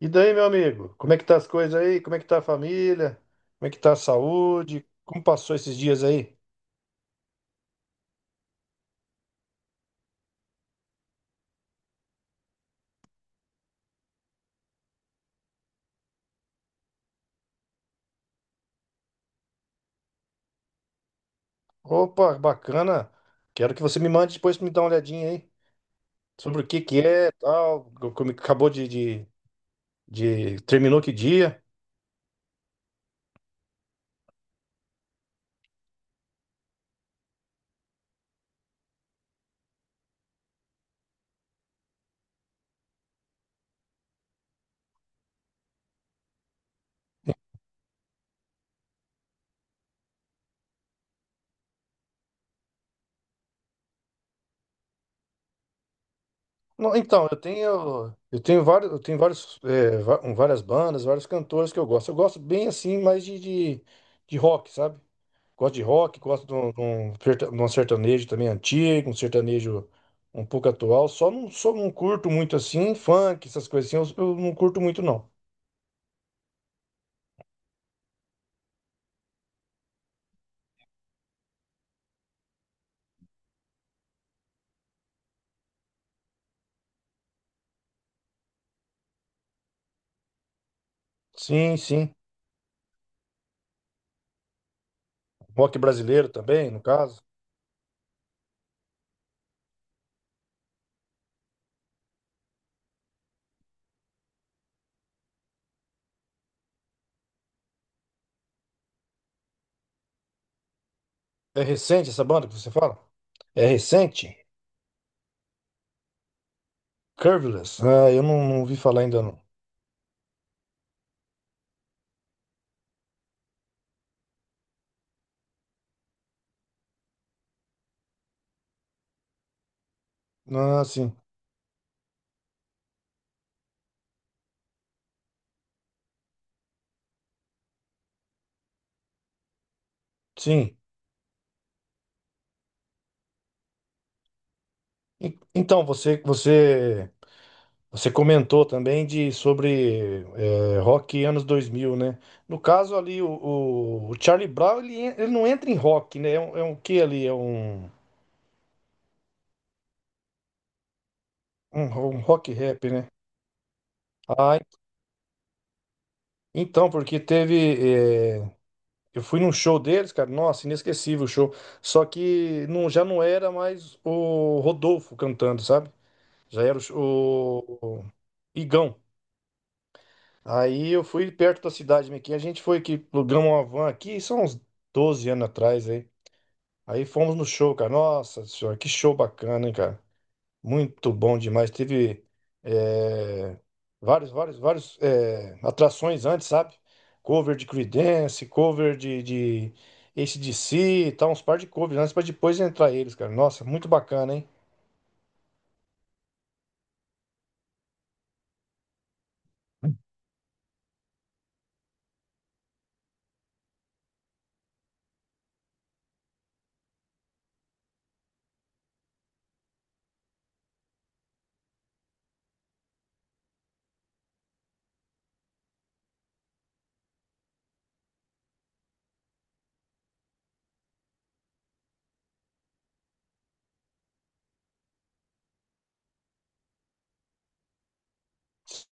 E daí, meu amigo? Como é que tá as coisas aí? Como é que tá a família? Como é que tá a saúde? Como passou esses dias aí? Opa, bacana. Quero que você me mande depois pra me dar uma olhadinha aí sobre o que que é, tal, como que acabou terminou que dia. Não, então, eu tenho vários é, va- várias bandas, vários cantores que eu gosto. Eu gosto bem assim, mais de rock, sabe? Gosto de rock, gosto de um, de um sertanejo também antigo, um sertanejo um pouco atual. Só não curto muito assim, funk, essas coisas assim, eu não curto muito não. Sim, sim. Rock brasileiro também, no caso. É recente essa banda que você fala? É recente? Curveless? Ah, eu não ouvi falar ainda não. Ah, sim. Sim. Então, você comentou também de sobre rock anos 2000, né? No caso ali, o Charlie Brown, ele não entra em rock, né? É um que ali? É um, um, um rock rap, né? Ah, então, porque eh, eu fui num show deles, cara. Nossa, inesquecível o show. Só que não, já não era mais o Rodolfo cantando, sabe? Já era o, sh- o Igão. Aí eu fui perto da cidade minha aqui. A gente foi que alugamos uma van aqui, são uns 12 anos atrás aí. Aí fomos no show, cara. Nossa senhora, que show bacana, hein, cara? Muito bom demais. Teve eh, vários atrações antes, sabe? Cover de Creedence, cover de AC/DC e tal, uns par de covers antes pra depois entrar eles, cara. Nossa, muito bacana, hein?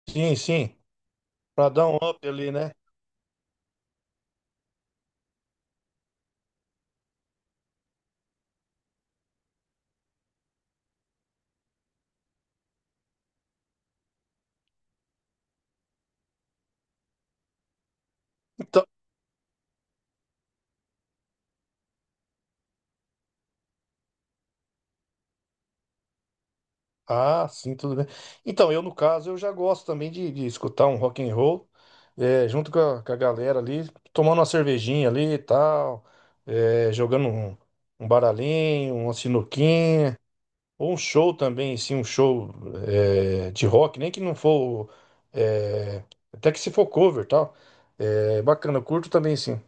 Sim, sim. Pra dar um up ali, né? Então. Ah, sim, tudo bem. Então, eu no caso, eu já gosto também de escutar um rock and roll, junto com a galera ali, tomando uma cervejinha ali e tal, jogando um, um baralhinho, uma sinuquinha, ou um show também, sim, um show de rock, nem que não for, eh, até que se for cover e tal. É, bacana, eu curto também, sim.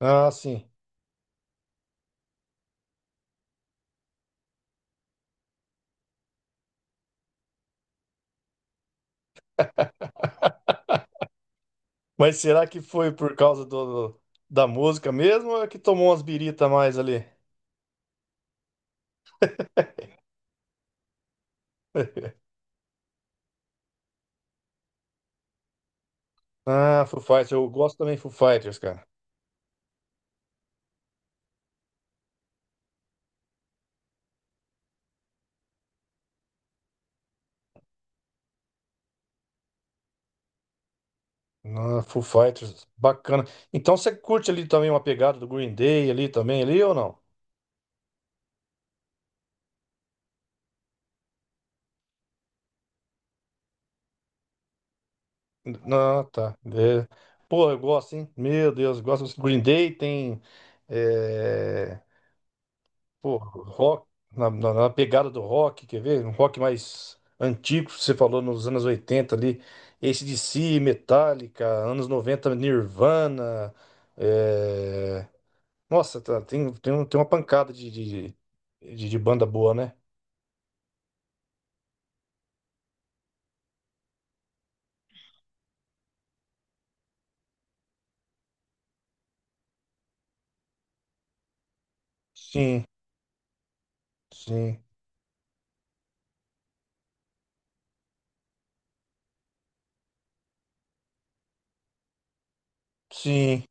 Ah, sim. Mas será que foi por causa da música mesmo ou é que tomou umas birita a mais ali? Ah, Foo Fighters, eu gosto também de Foo Fighters, cara. Ah, Foo Fighters, bacana. Então você curte ali também uma pegada do Green Day ali também, ali ou não? Não, tá. É. Pô, eu gosto, hein? Meu Deus, eu gosto do Green Day, tem. é, Pô, rock, na pegada do rock, quer ver? Um rock mais antigo, você falou nos anos 80 ali. AC/DC, Metallica, anos 90, Nirvana. eh, Nossa, tá, tem uma pancada de banda boa, né? Sim, sim, sim.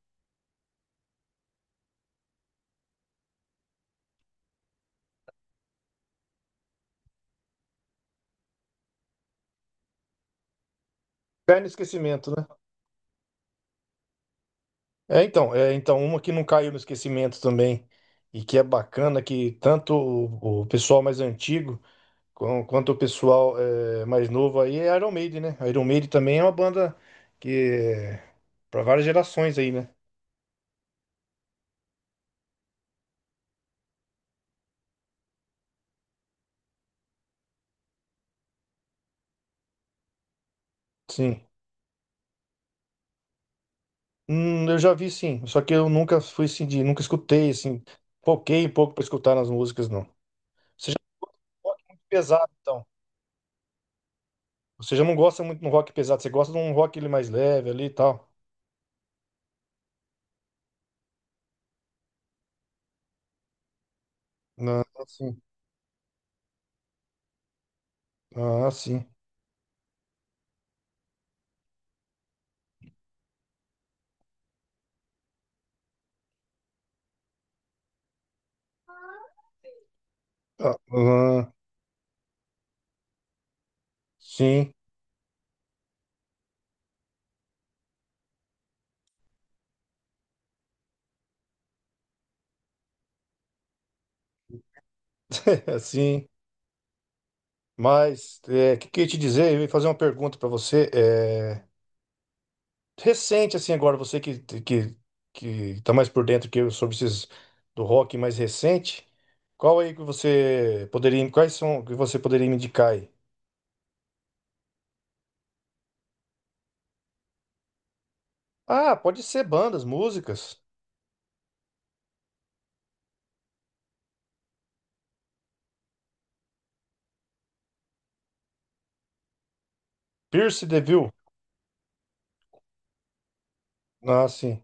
Cai no esquecimento, né? Então, uma que não caiu no esquecimento também e que é bacana que tanto o pessoal mais antigo quanto o pessoal mais novo aí é Iron Maiden, né? Iron Maiden também é uma banda que é para várias gerações aí, né? Sim. Eu já vi sim, só que eu nunca fui assim, de, nunca escutei assim, foquei um pouco pra escutar nas músicas, não. Você rock muito pesado, então. Você já não gosta muito de um rock pesado, você gosta de um rock ele mais leve ali e tal. Ah, sim. Ah, sim. Ah, ah, sim, é, sim. Mas é, o que, que eu ia te dizer? Eu ia fazer uma pergunta pra você. Recente, assim, agora, você que tá mais por dentro que eu sobre esses do rock mais recente, qual aí que você poderia. Quais são que você poderia me indicar aí? Ah, pode ser bandas, músicas. Pierce the Veil. Ah, sim.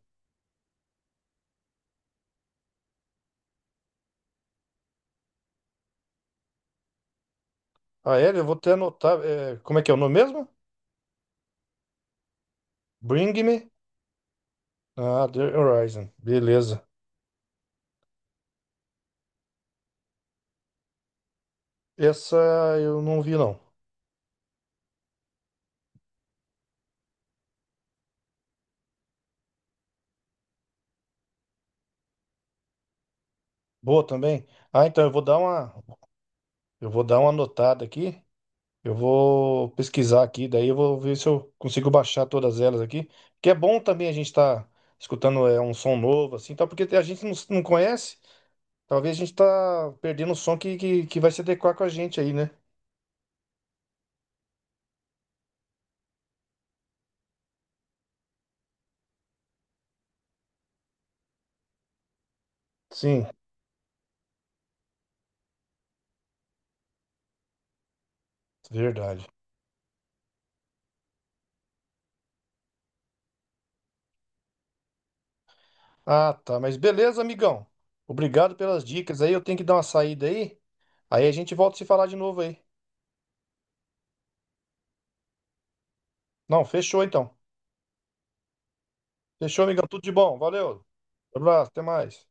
Ah, é? Eu vou até anotar. Como é que é o nome mesmo? Bring Me ah, The Horizon. Beleza. Essa eu não vi, não. Boa também. Ah, então eu vou dar uma, eu vou dar uma anotada aqui. Eu vou pesquisar aqui, daí eu vou ver se eu consigo baixar todas elas aqui. Que é bom também a gente estar escutando um som novo, assim, tal, porque a gente não conhece. Talvez a gente tá perdendo o som que vai se adequar com a gente aí, né? Sim, verdade. Ah, tá. Mas beleza, amigão. Obrigado pelas dicas aí. Eu tenho que dar uma saída aí. Aí a gente volta a se falar de novo aí. Não, fechou então. Fechou, amigão. Tudo de bom. Valeu. Abraço, até mais.